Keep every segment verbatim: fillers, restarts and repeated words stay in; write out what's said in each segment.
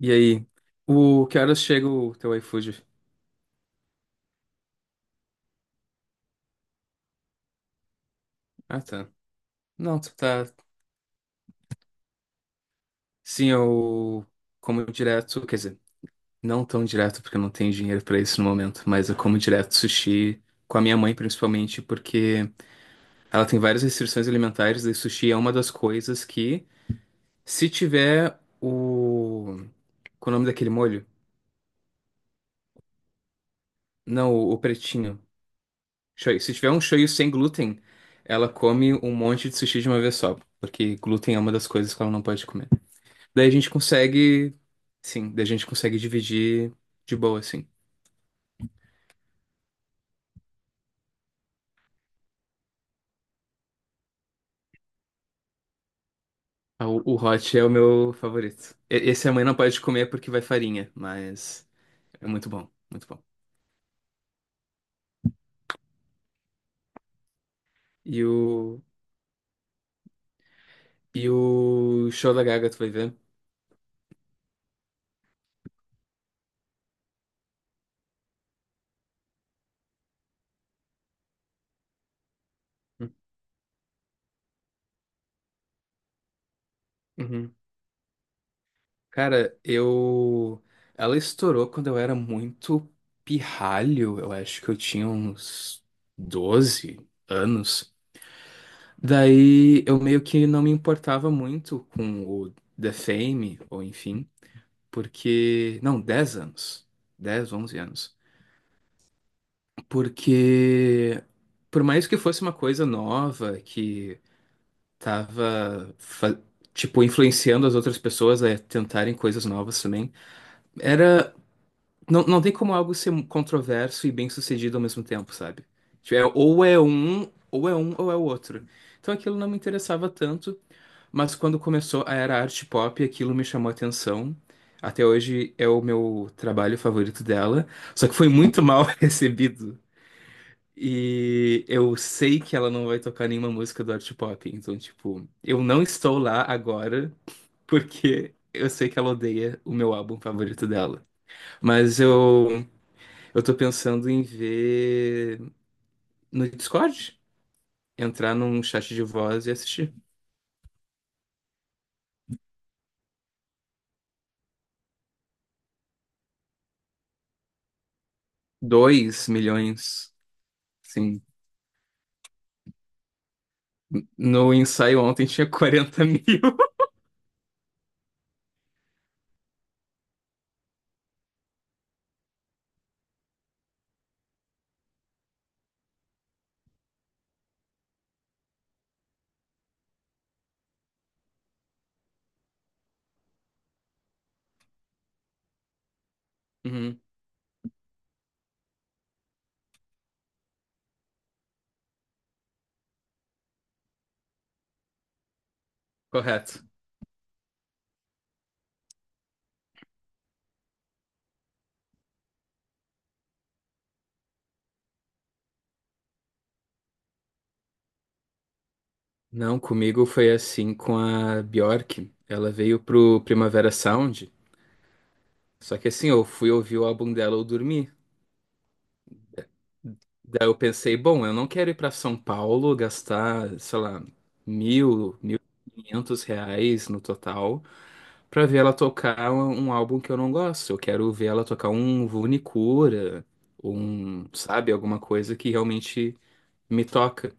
E aí, o que horas chega o teu iFood? Ah, tá. Não, tu tá. Sim, eu como direto, quer dizer, não tão direto porque eu não tenho dinheiro pra isso no momento, mas eu como direto sushi com a minha mãe, principalmente porque ela tem várias restrições alimentares e sushi é uma das coisas que, se tiver o, qual é o nome daquele molho? Não, o, o pretinho. Shoyu. Se tiver um shoyu sem glúten, ela come um monte de sushi de uma vez só, porque glúten é uma das coisas que ela não pode comer. Daí a gente consegue. Sim, daí a gente consegue dividir de boa, assim. Ah, O, o hot é o meu favorito. E- Esse a mãe não pode comer porque vai farinha, mas é muito bom, muito bom. E o, e o show da Gaga, tu vai ver? Uhum. Cara, eu. Ela estourou quando eu era muito pirralho, eu acho que eu tinha uns doze anos. Daí eu meio que não me importava muito com o The Fame, ou enfim. Porque. Não, dez anos. Dez, onze anos. Porque, por mais que fosse uma coisa nova, que tava, fa- tipo, influenciando as outras pessoas a tentarem coisas novas também, era. Não, não tem como algo ser controverso e bem-sucedido ao mesmo tempo, sabe? Tipo, é- ou é um, ou é um, ou é o outro. Então aquilo não me interessava tanto. Mas quando começou a era arte pop, aquilo me chamou a atenção. Até hoje é o meu trabalho favorito dela, só que foi muito mal recebido. E eu sei que ela não vai tocar nenhuma música do arte pop, então, tipo, eu não estou lá agora porque eu sei que ela odeia o meu álbum favorito dela. Mas eu, eu tô pensando em ver no Discord, entrar num chat de voz e assistir. Dois milhões, sim. No ensaio ontem tinha quarenta mil. Uhum, correto. Não, comigo foi assim com a Bjork. Ela veio pro Primavera Sound. Só que assim, eu fui ouvir o álbum dela. Eu dormi. Daí eu pensei, bom, eu não quero ir pra São Paulo gastar, sei lá, mil, mil e quinhentos reais no total pra ver ela tocar um, um álbum que eu não gosto. Eu quero ver ela tocar um Vune um, sabe, alguma coisa que realmente me toca.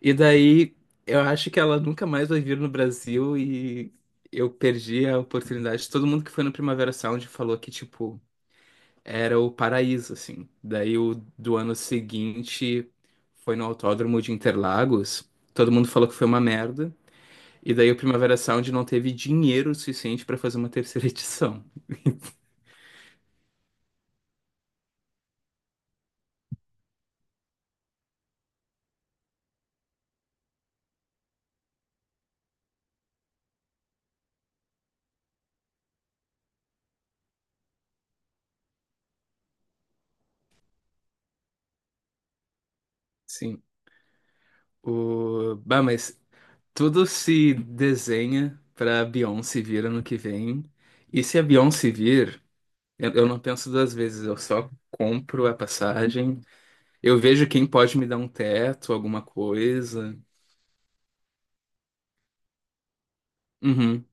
E daí eu acho que ela nunca mais vai vir no Brasil e eu perdi a oportunidade. Todo mundo que foi no Primavera Sound falou que, tipo, era o paraíso, assim. Daí o do ano seguinte foi no Autódromo de Interlagos. Todo mundo falou que foi uma merda. E daí o Primavera Sound não teve dinheiro suficiente para fazer uma terceira edição. Sim. O... Bah, mas tudo se desenha pra Beyoncé vir ano que vem. E se a Beyoncé vir. Eu eu não penso duas vezes, eu só compro a passagem. Eu vejo quem pode me dar um teto, alguma coisa. Uhum,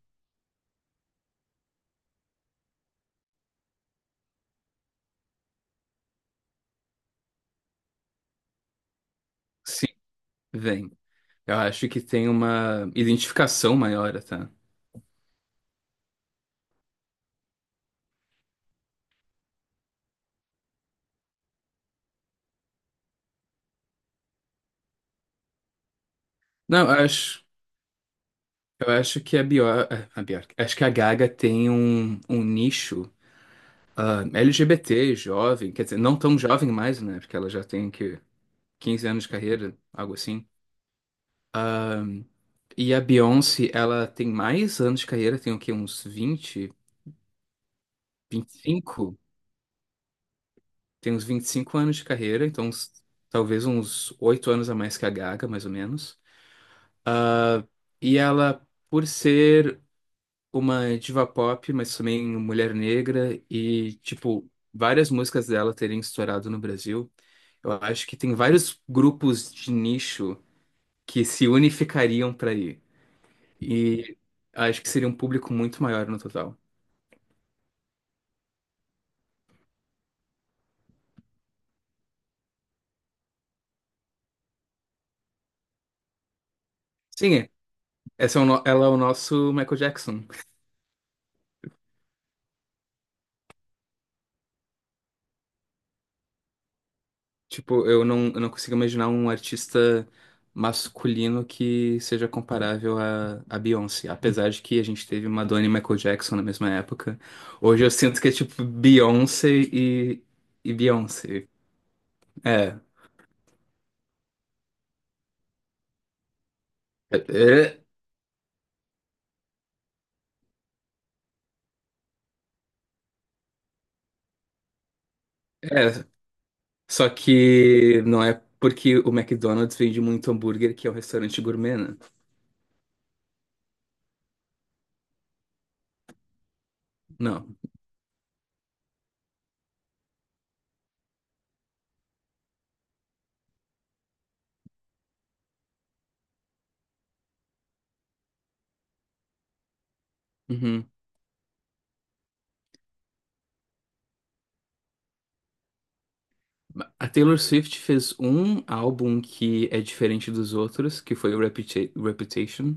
sim, vem. Eu acho que tem uma identificação maior, tá? Não, eu acho, eu acho, que a Bjork, a Bjork, acho que a Gaga tem um, um nicho, ah, L G B T, jovem, quer dizer, não tão jovem mais, né? Porque ela já tem que quinze anos de carreira, algo assim. E a Beyoncé, ela tem mais anos de carreira, tem o quê? Uns vinte, vinte e cinco, tem uns vinte e cinco anos de carreira, então uns- talvez uns oito anos a mais que a Gaga, mais ou menos. Ah, e ela, por ser uma diva pop, mas também mulher negra e, tipo, várias músicas dela terem estourado no Brasil, eu acho que tem vários grupos de nicho que se unificariam para ir. E acho que seria um público muito maior no total. Sim, é. Essa é o no- Ela é o nosso Michael Jackson. Tipo, eu não, eu não consigo imaginar um artista masculino que seja comparável a, a Beyoncé. Apesar de que a gente teve Madonna e Michael Jackson na mesma época. Hoje eu sinto que é tipo Beyoncé e, e Beyoncé. É, é, é. É. Só que não é porque o McDonald's vende muito hambúrguer, que é um restaurante gourmet, né? Não. Uhum. A Taylor Swift fez um álbum que é diferente dos outros, que foi o Reputa- Reputation.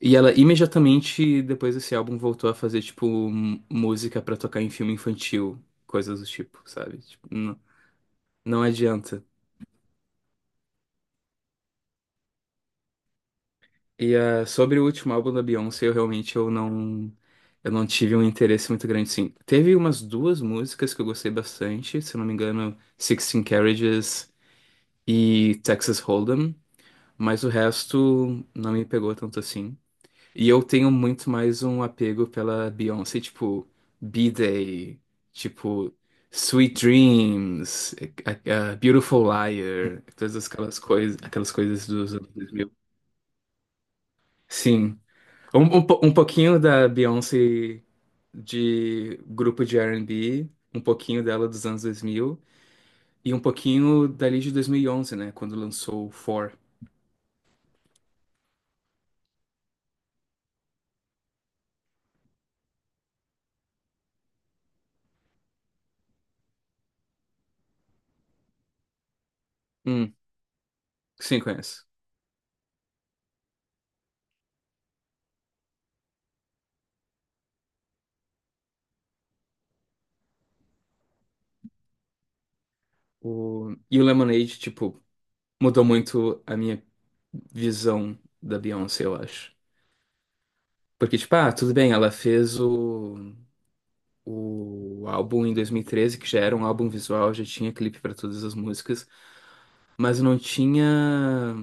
E ela imediatamente depois desse álbum voltou a fazer tipo m- música pra tocar em filme infantil, coisas do tipo, sabe? Tipo, n- não adianta. E, ah, sobre o último álbum da Beyoncé, eu realmente eu não eu não tive um interesse muito grande, sim. Teve umas duas músicas que eu gostei bastante, se eu não me engano, Sixteen Carriages e Texas Hold'em, mas o resto não me pegou tanto assim. E eu tenho muito mais um apego pela Beyoncé, tipo, B-Day, tipo, Sweet Dreams, a- a Beautiful Liar, todas aquelas coisas, aquelas coisas dos anos dois mil. Sim, um, um, po- um pouquinho da Beyoncé de grupo de R e B, um pouquinho dela dos anos dois mil e um pouquinho dali de dois mil e onze, né, quando lançou o Four. Hum, sim, conheço. O, e o Lemonade, tipo, mudou muito a minha visão da Beyoncé, eu acho. Porque, tipo, ah, tudo bem, ela fez o, o álbum em dois mil e treze, que já era um álbum visual, já tinha clipe pra todas as músicas, mas não tinha,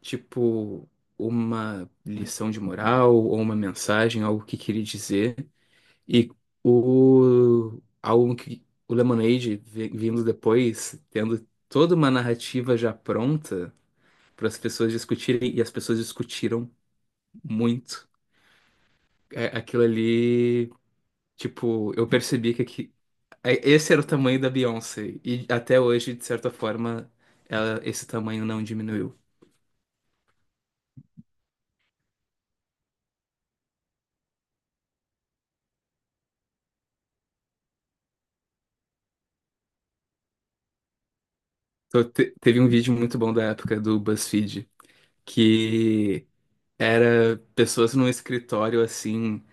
tipo, uma lição de moral ou uma mensagem, algo que queria dizer. E o álbum que o Lemonade, vi- vindo depois, tendo toda uma narrativa já pronta para as pessoas discutirem, e as pessoas discutiram muito. É, aquilo ali, tipo, eu percebi que aqui, é- esse era o tamanho da Beyoncé. E até hoje, de certa forma, ela, esse tamanho não diminuiu. Então, te- teve um vídeo muito bom da época do BuzzFeed, que era pessoas num escritório, assim,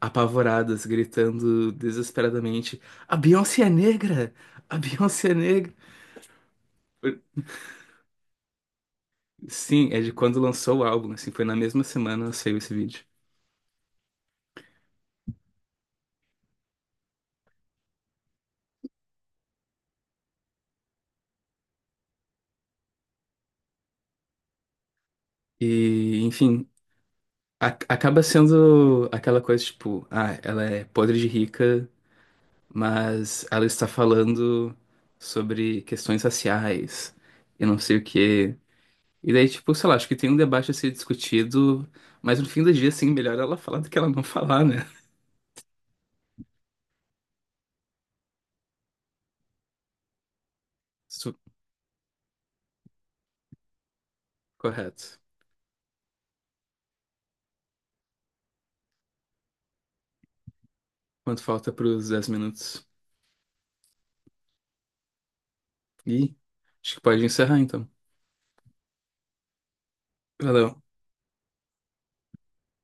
apavoradas, gritando desesperadamente: A Beyoncé é negra! A Beyoncé é negra! Sim, é de quando lançou o álbum, assim, foi na mesma semana que saiu esse vídeo. E, enfim. A- acaba sendo aquela coisa tipo, ah, ela é podre de rica, mas ela está falando sobre questões raciais e não sei o quê. E daí, tipo, sei lá, acho que tem um debate a ser discutido, mas no fim do dia, assim, melhor ela falar do que ela não falar, né? Isso, correto. Quanto falta para os dez minutos? Ih, acho que pode encerrar então. Valeu.